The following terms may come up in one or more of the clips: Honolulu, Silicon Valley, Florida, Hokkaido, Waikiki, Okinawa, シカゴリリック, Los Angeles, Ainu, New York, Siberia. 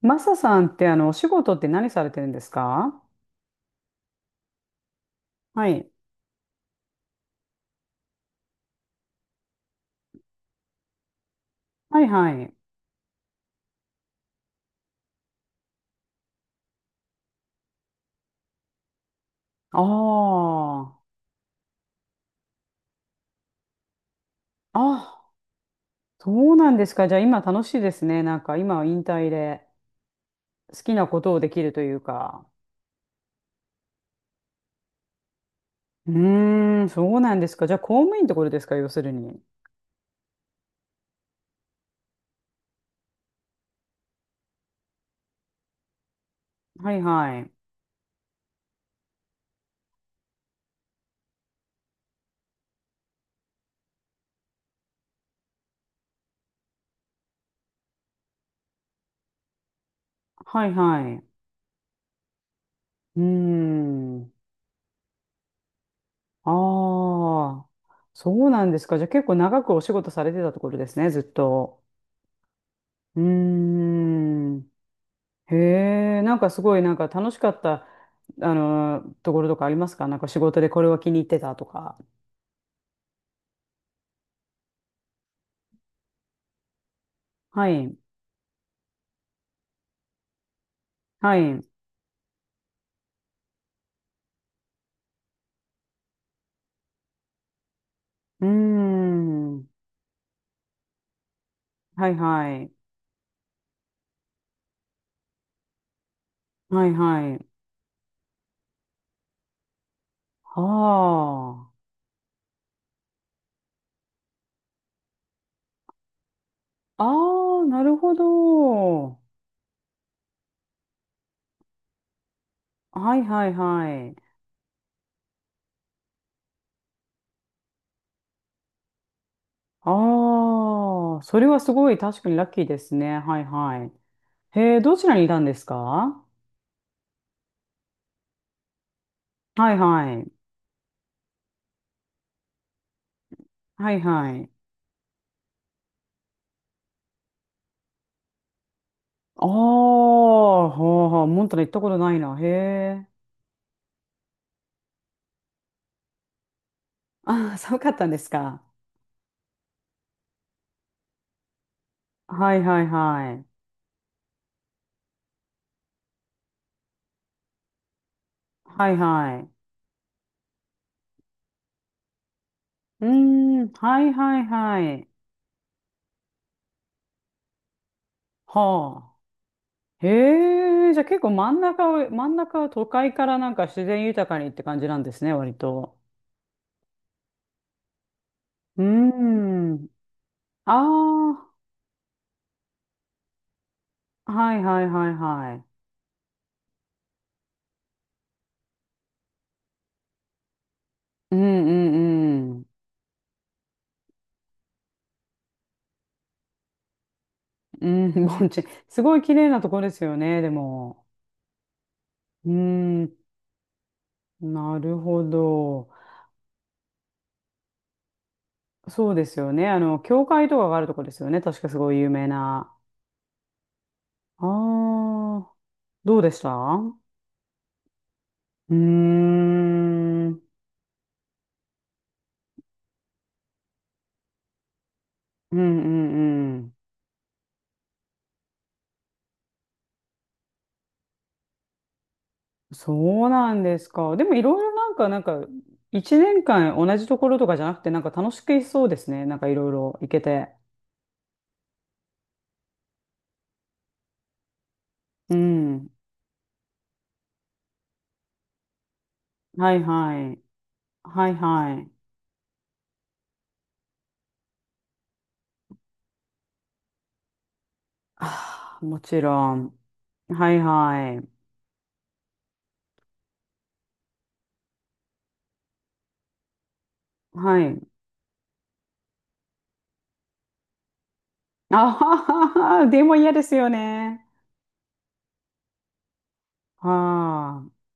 マサさんってお仕事って何されてるんですか？はい。はいはい。ああ。あ、そうなんですか。じゃあ今楽しいですね。なんか今は引退で好きなことをできるというか。うーん、そうなんですか。じゃあ公務員ってことですか、要するに。はいはい。はいはい。うーん。ああ。そうなんですか。じゃあ結構長くお仕事されてたところですね、ずっと。うーん。へえ、なんかすごいなんか楽しかった、ところとかありますか？なんか仕事でこれは気に入ってたとか。はい。はい。うーん。はいはい。はいはい。はあ。ああ、なるほど。はいはいはい。ああ、それはすごい確かにラッキーですね。はいはい。へえ、どちらにいたんですか？はいはい。はいはい。ああ、はあはあ、モンタナ行ったことないな。へえ。ああ、寒かったんですか？はいはいはい。はいはい。うーん、はいはいはい。はあ。へえ、じゃあ結構真ん中を、真ん中は都会からなんか自然豊かにって感じなんですね、割と。うーん。ああ、はいはいはいはい。うんうんうん。うん、盆地。すごい綺麗なとこですよね、でも。うーん、なるほど。そうですよね。教会とかがあるとこですよね。確かすごい有名な。ああ、どうでした？うーん、うんうんうん。そうなんですか。でもいろいろなんか、なんか、一年間同じところとかじゃなくて、なんか楽しくいそうですね。なんかいろいろ行けて。うん。はいはい。はいはい。ああ、もちろん。はいはい。はい。あはは、でも嫌ですよね。はあ。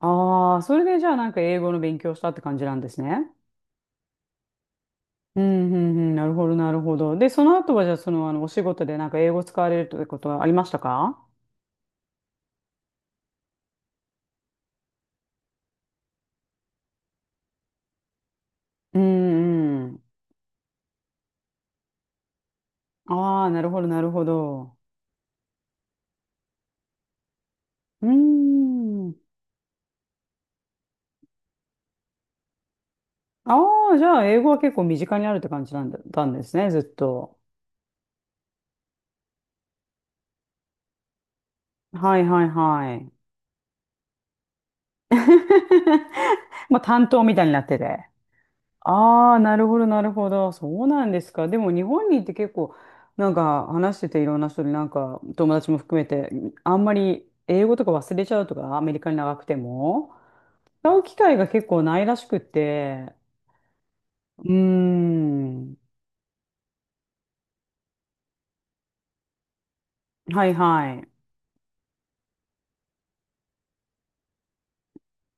ああ、それでじゃあなんか英語の勉強したって感じなんですね。うん、うん、うん、なるほど、なるほど。で、その後は、じゃあ、その、お仕事でなんか英語使われるということはありましたか？うん、うん。ああ、なるほど、なるほど。うーん。ああ、じゃあ、英語は結構身近にあるって感じなんだ、たんですね、ずっと。はい、はい、はい。まあ、担当みたいになってて。ああ、なるほど、なるほど。そうなんですか。でも日本にいて結構、なんか話してていろんな人になんか友達も含めて、あんまり英語とか忘れちゃうとか、アメリカに長くても、使う機会が結構ないらしくって、うーん、はいはい。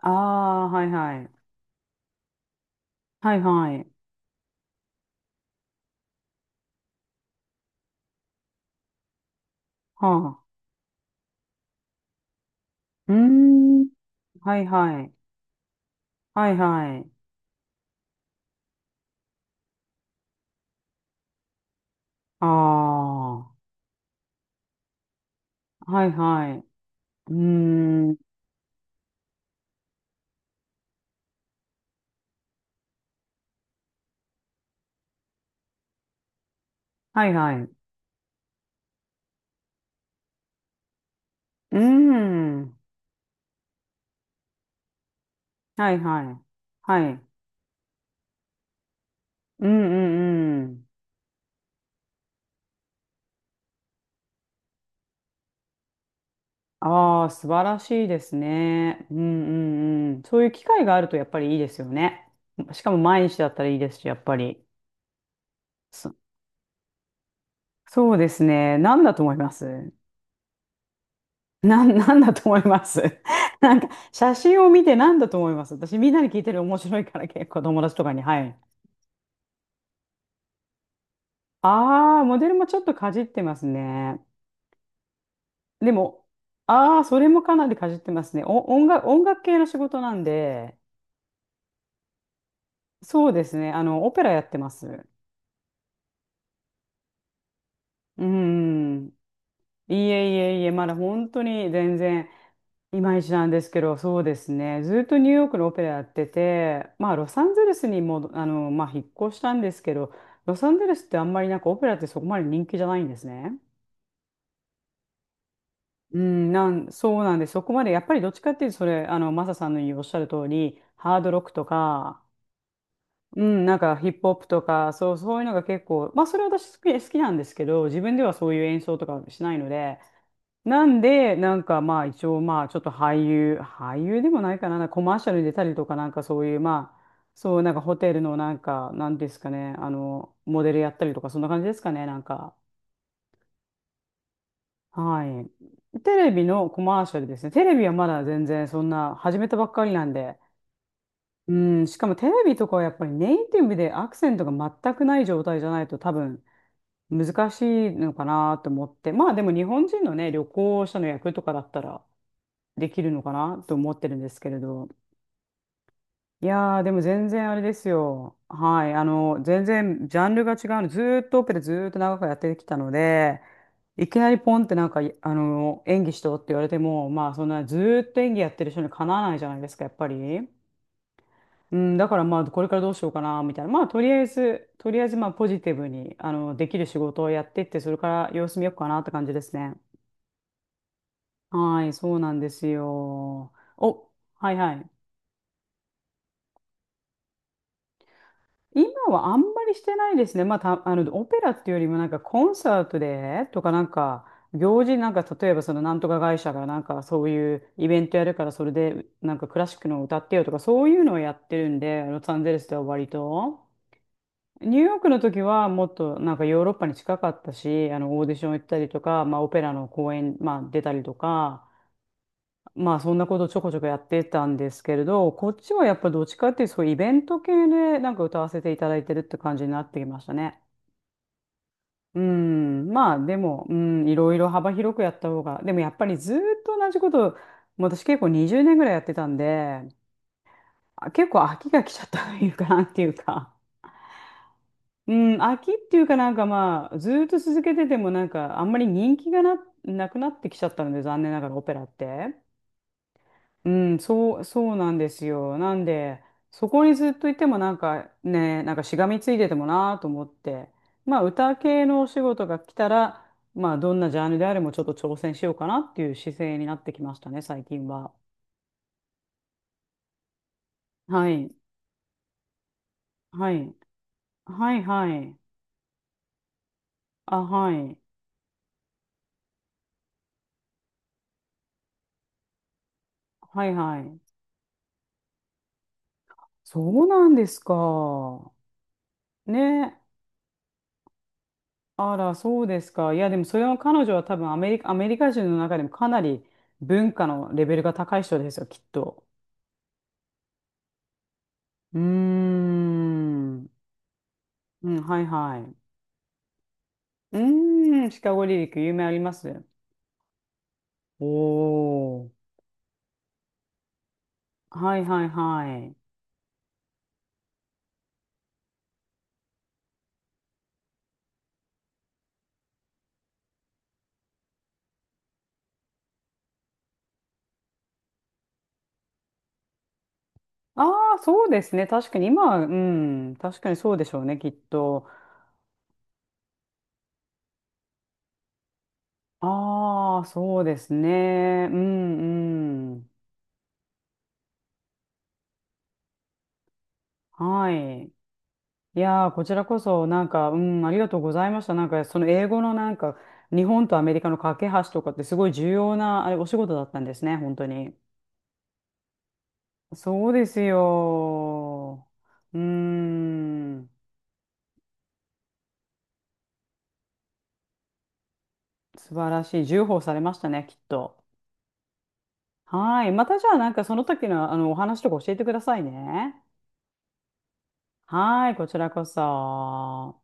ああ、はいはい。はいはい。はあ。うーん、はいはい。はいはい。ああ、はいはい。うーん、はいはい。うーん。はいはい。はい。うんうんうん。ああ、素晴らしいですね。うんうんうん。そういう機会があるとやっぱりいいですよね。しかも毎日だったらいいですし、やっぱり。そ、そうですね。何だと思います？なん、なんだと思います？ なんか、写真を見て何だと思います？私、みんなに聞いてる面白いから結構友達とかに。はい。ああ、モデルもちょっとかじってますね。でも、ああ、それもかなりかじってますね。お、音楽、音楽系の仕事なんで、そうですね。オペラやってます。うん。いえいえいえ、まだ本当に全然いまいちなんですけど、そうですね。ずっとニューヨークのオペラやってて、まあ、ロサンゼルスにも、あの、まあ、引っ越したんですけど、ロサンゼルスってあんまりなんかオペラってそこまで人気じゃないんですね。うん、なん、そうなんで、そこまで、やっぱりどっちかっていうと、それ、あの、マサさんの言うおっしゃる通り、ハードロックとか、うん、なんかヒップホップとか、そう、そういうのが結構、まあそれ私好き、好きなんですけど、自分ではそういう演奏とかしないので、なんで、なんかまあ一応まあちょっと俳優、俳優でもないかな、なんかコマーシャルに出たりとかなんかそういうまあ、そうなんかホテルのなんか、なんですかね、あの、モデルやったりとかそんな感じですかね、なんか。はい。テレビのコマーシャルですね。テレビはまだ全然そんな始めたばっかりなんで。うん、しかもテレビとかはやっぱりネイティブでアクセントが全くない状態じゃないと多分難しいのかなと思って、まあでも日本人のね、旅行者の役とかだったらできるのかなと思ってるんですけれど、いやー、でも全然あれですよ。はい、全然ジャンルが違うの、ずーっとオペラずーっと長くやってきたので、いきなりポンってなんか、いあの、演技しろって言われても、まあそんなずーっと演技やってる人にかなわないじゃないですか、やっぱり。うん、だからまあ、これからどうしようかな、みたいな。まあ、とりあえず、とりあえずまあ、ポジティブに、できる仕事をやってって、それから様子見ようかなって感じですね。はい、そうなんですよ。お、はいはい。今はあんまりしてないですね。まあ、た、あの、オペラっていうよりもなんかコンサートでとかなんか、行事なんか、例えばそのなんとか会社がなんかそういうイベントやるからそれでなんかクラシックの歌ってよとかそういうのをやってるんで、ロサンゼルスでは割と。ニューヨークの時はもっとなんかヨーロッパに近かったし、あのオーディション行ったりとか、まあオペラの公演、まあ出たりとか、まあそんなことちょこちょこやってたんですけれど、こっちはやっぱどっちかっていうとそういうイベント系でなんか歌わせていただいてるって感じになってきましたね。うん、まあでも、うん、いろいろ幅広くやった方が、でもやっぱりずーっと同じことを、もう私結構20年ぐらいやってたんで、あ結構飽きが来ちゃったというか、なんていうか、うん、飽きっていうかなんかまあ、ずーっと続けててもなんか、あんまり人気がな、なくなってきちゃったので、残念ながらオペラって。うん、そう、そうなんですよ。なんで、そこにずっといてもなんかね、なんかしがみついててもなと思って、まあ、歌系のお仕事が来たら、まあ、どんなジャンルであれもちょっと挑戦しようかなっていう姿勢になってきましたね、最近は。はい、はい、はい、はい。あ、はい、はい、はい。そうなんですか。ね。あら、そうですか。いや、でもそれは彼女は多分アメリカ、アメリカ人の中でもかなり文化のレベルが高い人ですよ、きっと。うーん。うん、はいはい。うーん、シカゴリリック、有名あります。おー。はいはいはい。ああ、そうですね。確かに今は、うん、確かにそうでしょうね、きっと。ああ、そうですね。うんうん。はい。いやー、こちらこそ、なんか、うん、ありがとうございました。なんか、その英語のなんか、日本とアメリカの架け橋とかってすごい重要な、あれ、お仕事だったんですね、本当に。そうですよ。うーん、素晴らしい。重宝されましたね、きっと。はい。またじゃあ、なんかその時の、お話とか教えてくださいね。はい、こちらこそ。